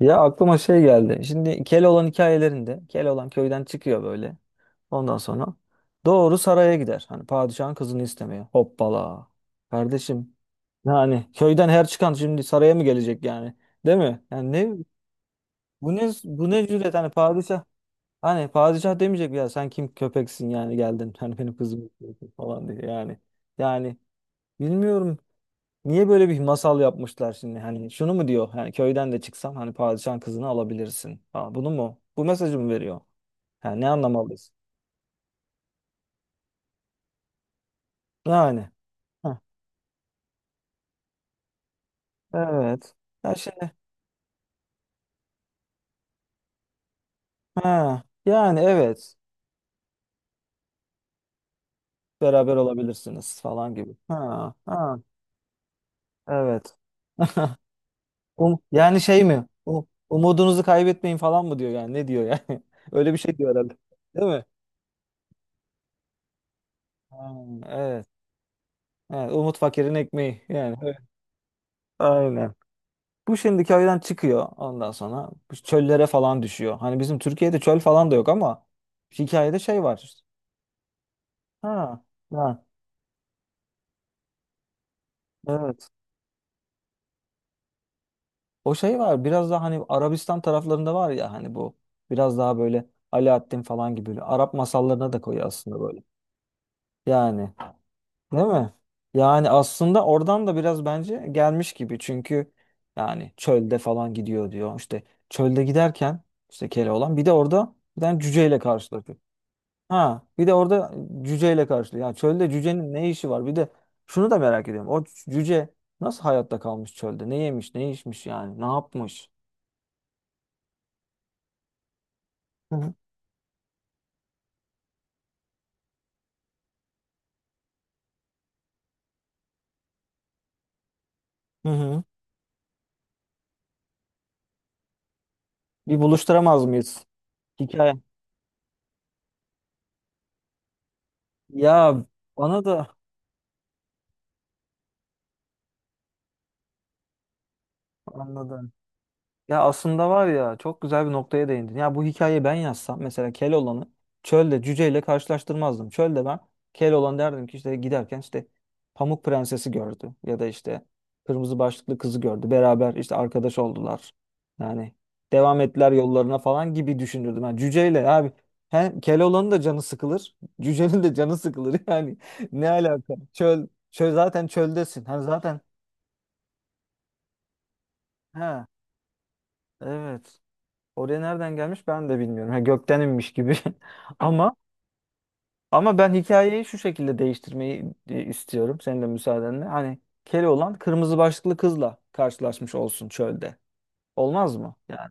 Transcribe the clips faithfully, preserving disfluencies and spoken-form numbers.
Ya aklıma şey geldi. Şimdi Keloğlan hikayelerinde Keloğlan köyden çıkıyor böyle. Ondan sonra doğru saraya gider. Hani padişahın kızını istemiyor. Hoppala. Kardeşim yani köyden her çıkan şimdi saraya mı gelecek yani? Değil mi? Yani ne bu ne bu ne cüret, hani padişah, hani padişah demeyecek ya sen kim köpeksin, yani geldin hani benim kızım istiyorsun" falan diye yani. Yani bilmiyorum, niye böyle bir masal yapmışlar şimdi? Hani şunu mu diyor? Yani köyden de çıksam hani padişahın kızını alabilirsin. Ha, bunu mu? Bu mesajı mı veriyor? Yani ne anlamalıyız? Yani. Ha, evet. Ya şimdi. Ha, yani evet. Beraber olabilirsiniz falan gibi. Ha, ha, evet. Um, yani şey mi? Um, umudunuzu kaybetmeyin falan mı diyor yani? Ne diyor yani? Öyle bir şey diyor herhalde. Değil mi? Ha, evet. Evet. Umut fakirin ekmeği. Yani. Evet. Aynen. Bu şimdi köyden çıkıyor, ondan sonra bu çöllere falan düşüyor. Hani bizim Türkiye'de çöl falan da yok ama hikayede şey var. İşte. Ha, ha, evet. O şey var, biraz daha hani Arabistan taraflarında var ya, hani bu biraz daha böyle Alaaddin falan gibi böyle Arap masallarına da koyuyor aslında böyle. Yani değil mi? Yani aslında oradan da biraz bence gelmiş gibi, çünkü yani çölde falan gidiyor diyor. İşte çölde giderken işte Keloğlan bir de orada bir tane cüceyle karşılaşıyor. Ha, bir de orada cüceyle karşılıyor. Ya çölde cücenin ne işi var? Bir de şunu da merak ediyorum. O cüce nasıl hayatta kalmış çölde? Ne yemiş, ne içmiş yani? Ne yapmış? Hı hı. Hı hı. Bir buluşturamaz mıyız? Hikaye. Ya bana da anladım. Ya aslında var ya, çok güzel bir noktaya değindin. Ya bu hikayeyi ben yazsam mesela Keloğlan'ı çölde cüceyle karşılaştırmazdım. Çölde ben Keloğlan derdim ki işte giderken işte Pamuk Prensesi gördü ya da işte kırmızı başlıklı kızı gördü. Beraber işte arkadaş oldular. Yani devam ettiler yollarına falan gibi düşünürdüm. Yani cüceyle abi hem Keloğlan'ın da canı sıkılır. Cücenin de canı sıkılır. Yani ne alaka? Çöl, çöl zaten çöldesin. Hani zaten ha evet. Oraya nereden gelmiş ben de bilmiyorum. Ha, gökten inmiş gibi. Ama ama ben hikayeyi şu şekilde değiştirmeyi e, istiyorum. Senin de müsaadenle. Hani Keloğlan kırmızı başlıklı kızla karşılaşmış olsun çölde. Olmaz mı? Yani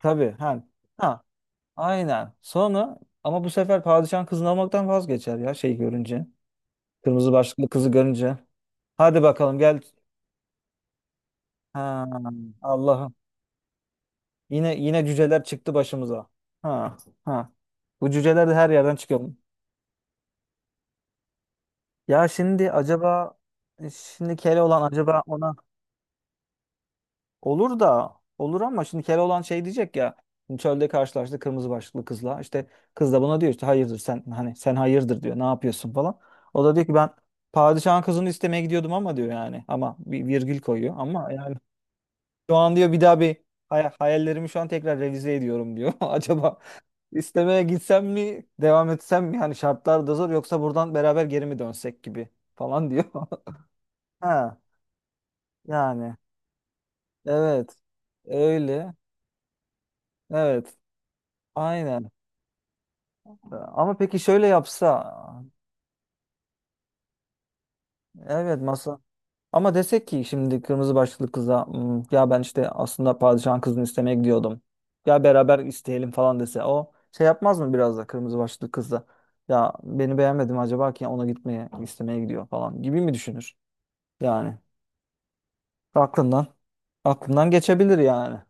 tabii. Ha, ha aynen. Sonra ama bu sefer padişahın kızını almaktan vazgeçer ya şey görünce. Kırmızı başlıklı kızı görünce. Hadi bakalım gel. Ha, Allah'ım. Yine yine cüceler çıktı başımıza. Ha, ha. Bu cüceler de her yerden çıkıyor. Ya şimdi acaba e, şimdi Keloğlan acaba ona olur da olur, ama şimdi Keloğlan şey diyecek ya, şimdi çölde karşılaştı kırmızı başlıklı kızla, işte kız da buna diyor işte hayırdır sen, hani sen hayırdır diyor, ne yapıyorsun falan. O da diyor ki ben padişahın kızını istemeye gidiyordum ama diyor, yani ama bir virgül koyuyor ama, yani şu an diyor bir daha bir hay- hayallerimi şu an tekrar revize ediyorum diyor. Acaba istemeye gitsem mi, devam etsem mi, hani şartlar da zor, yoksa buradan beraber geri mi dönsek gibi falan diyor. Ha. Yani evet, öyle, evet, aynen, ama peki şöyle yapsa, evet masa, ama desek ki şimdi kırmızı başlıklı kıza "Hmm, ya ben işte aslında padişahın kızını istemeye gidiyordum, ya beraber isteyelim falan dese, o şey yapmaz mı biraz da kırmızı başlıklı kızla, ya beni beğenmedim acaba ki ona gitmeye istemeye gidiyor falan gibi mi düşünür, yani aklından aklından geçebilir yani.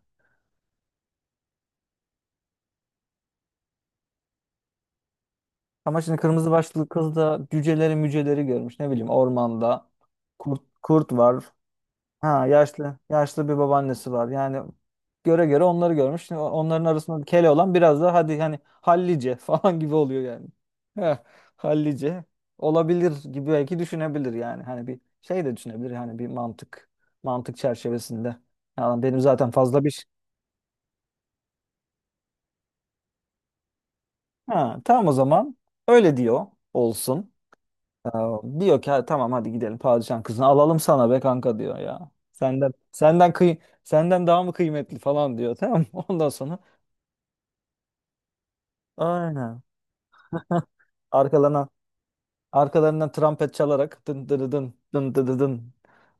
Ama şimdi kırmızı başlı kız da cüceleri müceleri görmüş. Ne bileyim ormanda kurt, kurt var. Ha yaşlı yaşlı bir babaannesi var. Yani göre göre onları görmüş. Şimdi onların arasında kele olan biraz da hadi hani hallice falan gibi oluyor yani. Heh, hallice olabilir gibi belki düşünebilir yani. Hani bir şey de düşünebilir hani bir mantık mantık çerçevesinde. Yani benim zaten fazla bir şey. Ha, tamam o zaman öyle diyor olsun. Ya diyor ki "Ha, tamam hadi gidelim padişahın kızını alalım sana be kanka diyor ya. Senden senden kıy senden daha mı kıymetli falan diyor tamam mı? Ondan sonra aynen. Arkalarına arkalarından trompet çalarak dın dın dın dın dın dın. Dın.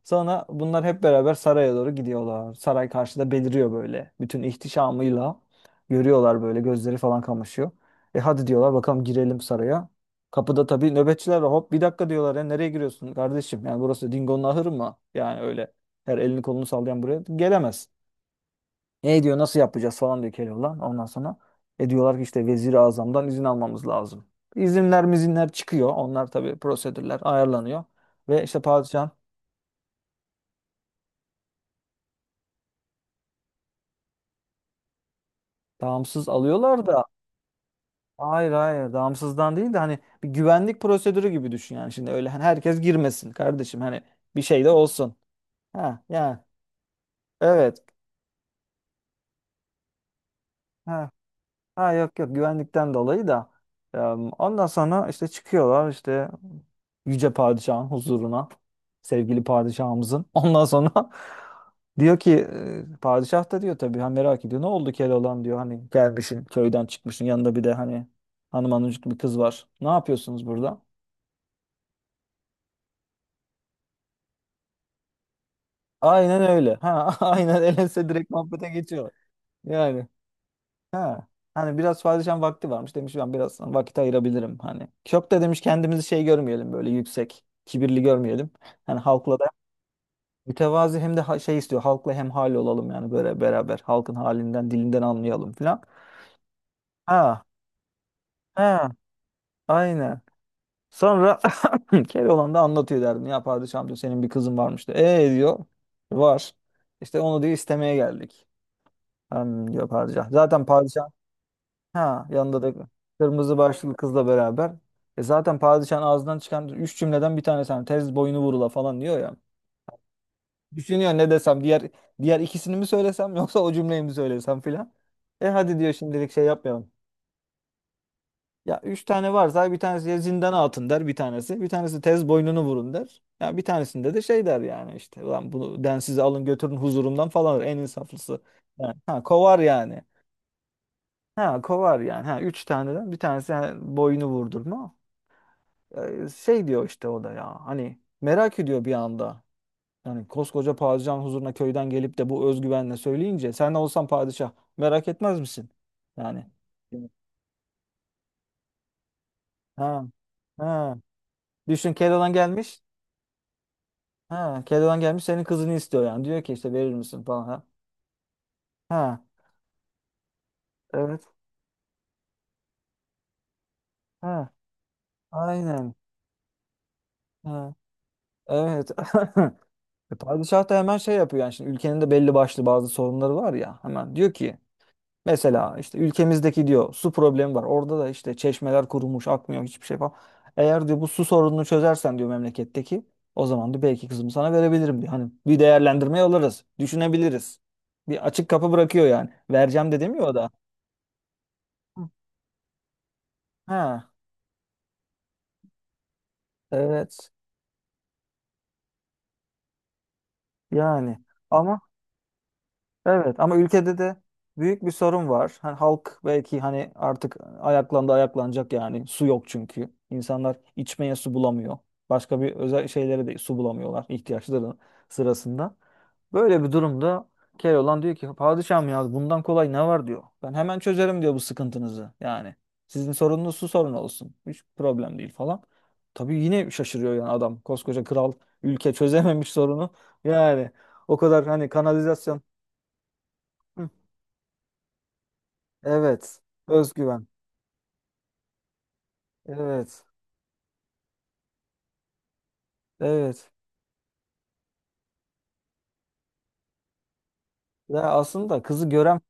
Sonra bunlar hep beraber saraya doğru gidiyorlar. Saray karşıda beliriyor böyle. Bütün ihtişamıyla görüyorlar böyle, gözleri falan kamaşıyor. E hadi diyorlar bakalım girelim saraya. Kapıda tabii nöbetçiler var. Hop bir dakika diyorlar ya, nereye giriyorsun kardeşim? Yani burası Dingo'nun ahırı mı? Yani öyle her elini kolunu sallayan buraya gelemez. E diyor nasıl yapacağız falan diyor Keloğlan. Ondan sonra e diyorlar ki işte Vezir-i Azam'dan izin almamız lazım. İzinler mizinler çıkıyor. Onlar tabii prosedürler ayarlanıyor. Ve işte padişah damsız alıyorlar da, hayır hayır damsızdan değil de hani bir güvenlik prosedürü gibi düşün yani. Şimdi öyle hani herkes girmesin kardeşim, hani bir şey de olsun. Ha yani evet. Ha. Ha yok yok, güvenlikten dolayı da Eee, ondan sonra işte çıkıyorlar işte yüce padişahın huzuruna, sevgili padişahımızın, ondan sonra diyor ki eee, padişah da diyor tabii, ha merak ediyor ne oldu Keloğlan diyor hani gelmişsin köyden çıkmışsın yanında bir de hani hanım hanımcık bir kız var ne yapıyorsunuz burada, aynen öyle ha aynen elense direkt muhabbete geçiyor yani. Ha. Hani biraz padişahın vakti varmış, demiş ben biraz vakit ayırabilirim hani. Çok da demiş kendimizi şey görmeyelim böyle yüksek, kibirli görmeyelim. Hani halkla da mütevazi, hem de ha- şey istiyor halkla hem hal olalım yani, böyle beraber halkın halinden dilinden anlayalım filan. Ha ha aynen. Sonra Keloğlan da anlatıyor derdim ya padişahım diyor senin bir kızın varmış diyor. E diyor var. İşte onu diyor istemeye geldik. Hem diyor padişah. Zaten padişah ha, yanında da kırmızı başlıklı kızla beraber. E zaten padişahın ağzından çıkan üç cümleden bir tanesi hani tez boynu vurula falan diyor ya. Düşünüyor ne desem, diğer diğer ikisini mi söylesem yoksa o cümleyi mi söylesem filan. E hadi diyor şimdilik şey yapmayalım. Ya üç tane varsa bir tanesi ya zindana atın der bir tanesi. Bir tanesi tez boynunu vurun der. Ya bir tanesinde de şey der yani işte. Ulan bunu densiz alın götürün huzurumdan falan der. En insaflısı. Yani, ha kovar yani. Ha kovar yani. Ha üç taneden bir tanesi yani boynu vurdurma. E, şey diyor işte o da ya hani merak ediyor bir anda. Yani koskoca padişahın huzuruna köyden gelip de bu özgüvenle söyleyince sen olsan padişah merak etmez misin? Yani ha ha düşün Keloğlan gelmiş. Ha Keloğlan gelmiş senin kızını istiyor yani. Diyor ki işte verir misin falan. Ha, ha evet. Ha aynen. Ha evet. E, padişah da hemen şey yapıyor yani, şimdi ülkenin de belli başlı bazı sorunları var ya, hemen diyor ki mesela işte ülkemizdeki diyor su problemi var. Orada da işte çeşmeler kurumuş, akmıyor hiçbir şey falan. Eğer diyor bu su sorununu çözersen diyor memleketteki, o zaman da belki kızımı sana verebilirim diyor. Hani bir değerlendirmeye alırız, düşünebiliriz. Bir açık kapı bırakıyor yani. Vereceğim de demiyor o da. Hı. Ha, evet yani ama evet ama ülkede de büyük bir sorun var. Hani halk belki hani artık ayaklandı ayaklanacak yani. Su yok çünkü. İnsanlar içmeye su bulamıyor. Başka bir özel şeylere de su bulamıyorlar ihtiyaçları sırasında. Böyle bir durumda Keloğlan diyor ki padişahım ya bundan kolay ne var diyor. Ben hemen çözerim diyor bu sıkıntınızı yani. Sizin sorununuz su sorunu olsun. Hiç problem değil falan. Tabii yine şaşırıyor yani adam. Koskoca kral, ülke çözememiş sorunu. Yani o kadar hani kanalizasyon. Evet. Özgüven. Evet. Evet. Ya aslında kızı gören,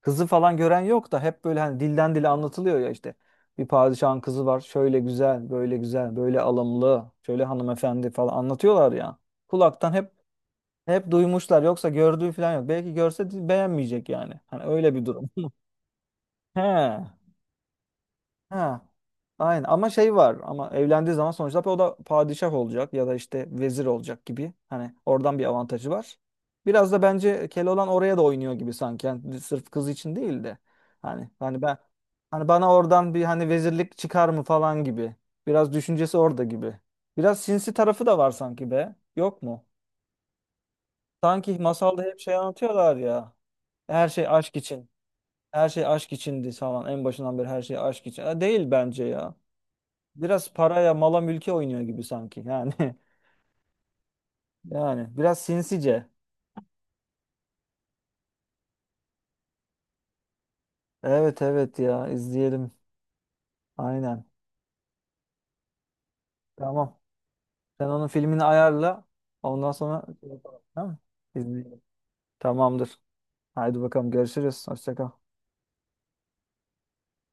kızı falan gören yok da hep böyle hani dilden dile anlatılıyor ya işte. Bir padişahın kızı var. Şöyle güzel, böyle güzel, böyle alımlı, şöyle hanımefendi falan anlatıyorlar ya. Kulaktan hep hep duymuşlar, yoksa gördüğü falan yok. Belki görse de beğenmeyecek yani. Hani öyle bir durum. He. Ha. Aynen ama şey var, ama evlendiği zaman sonuçta o da padişah olacak ya da işte vezir olacak gibi. Hani oradan bir avantajı var. Biraz da bence Keloğlan oraya da oynuyor gibi sanki. Yani sırf kız için değil de. Hani hani ben hani bana oradan bir hani vezirlik çıkar mı falan gibi. Biraz düşüncesi orada gibi. Biraz sinsi tarafı da var sanki be. Yok mu? Sanki masalda hep şey anlatıyorlar ya. Her şey aşk için. Her şey aşk içindi falan. En başından beri her şey aşk için. Ha, değil bence ya. Biraz paraya, mala, mülke oynuyor gibi sanki. Yani yani biraz sinsice. Evet evet ya izleyelim. Aynen. Tamam. Sen onun filmini ayarla. Ondan sonra şey yapalım, tamam mı? İzleyelim. Tamamdır. Haydi bakalım görüşürüz. Hoşça kal.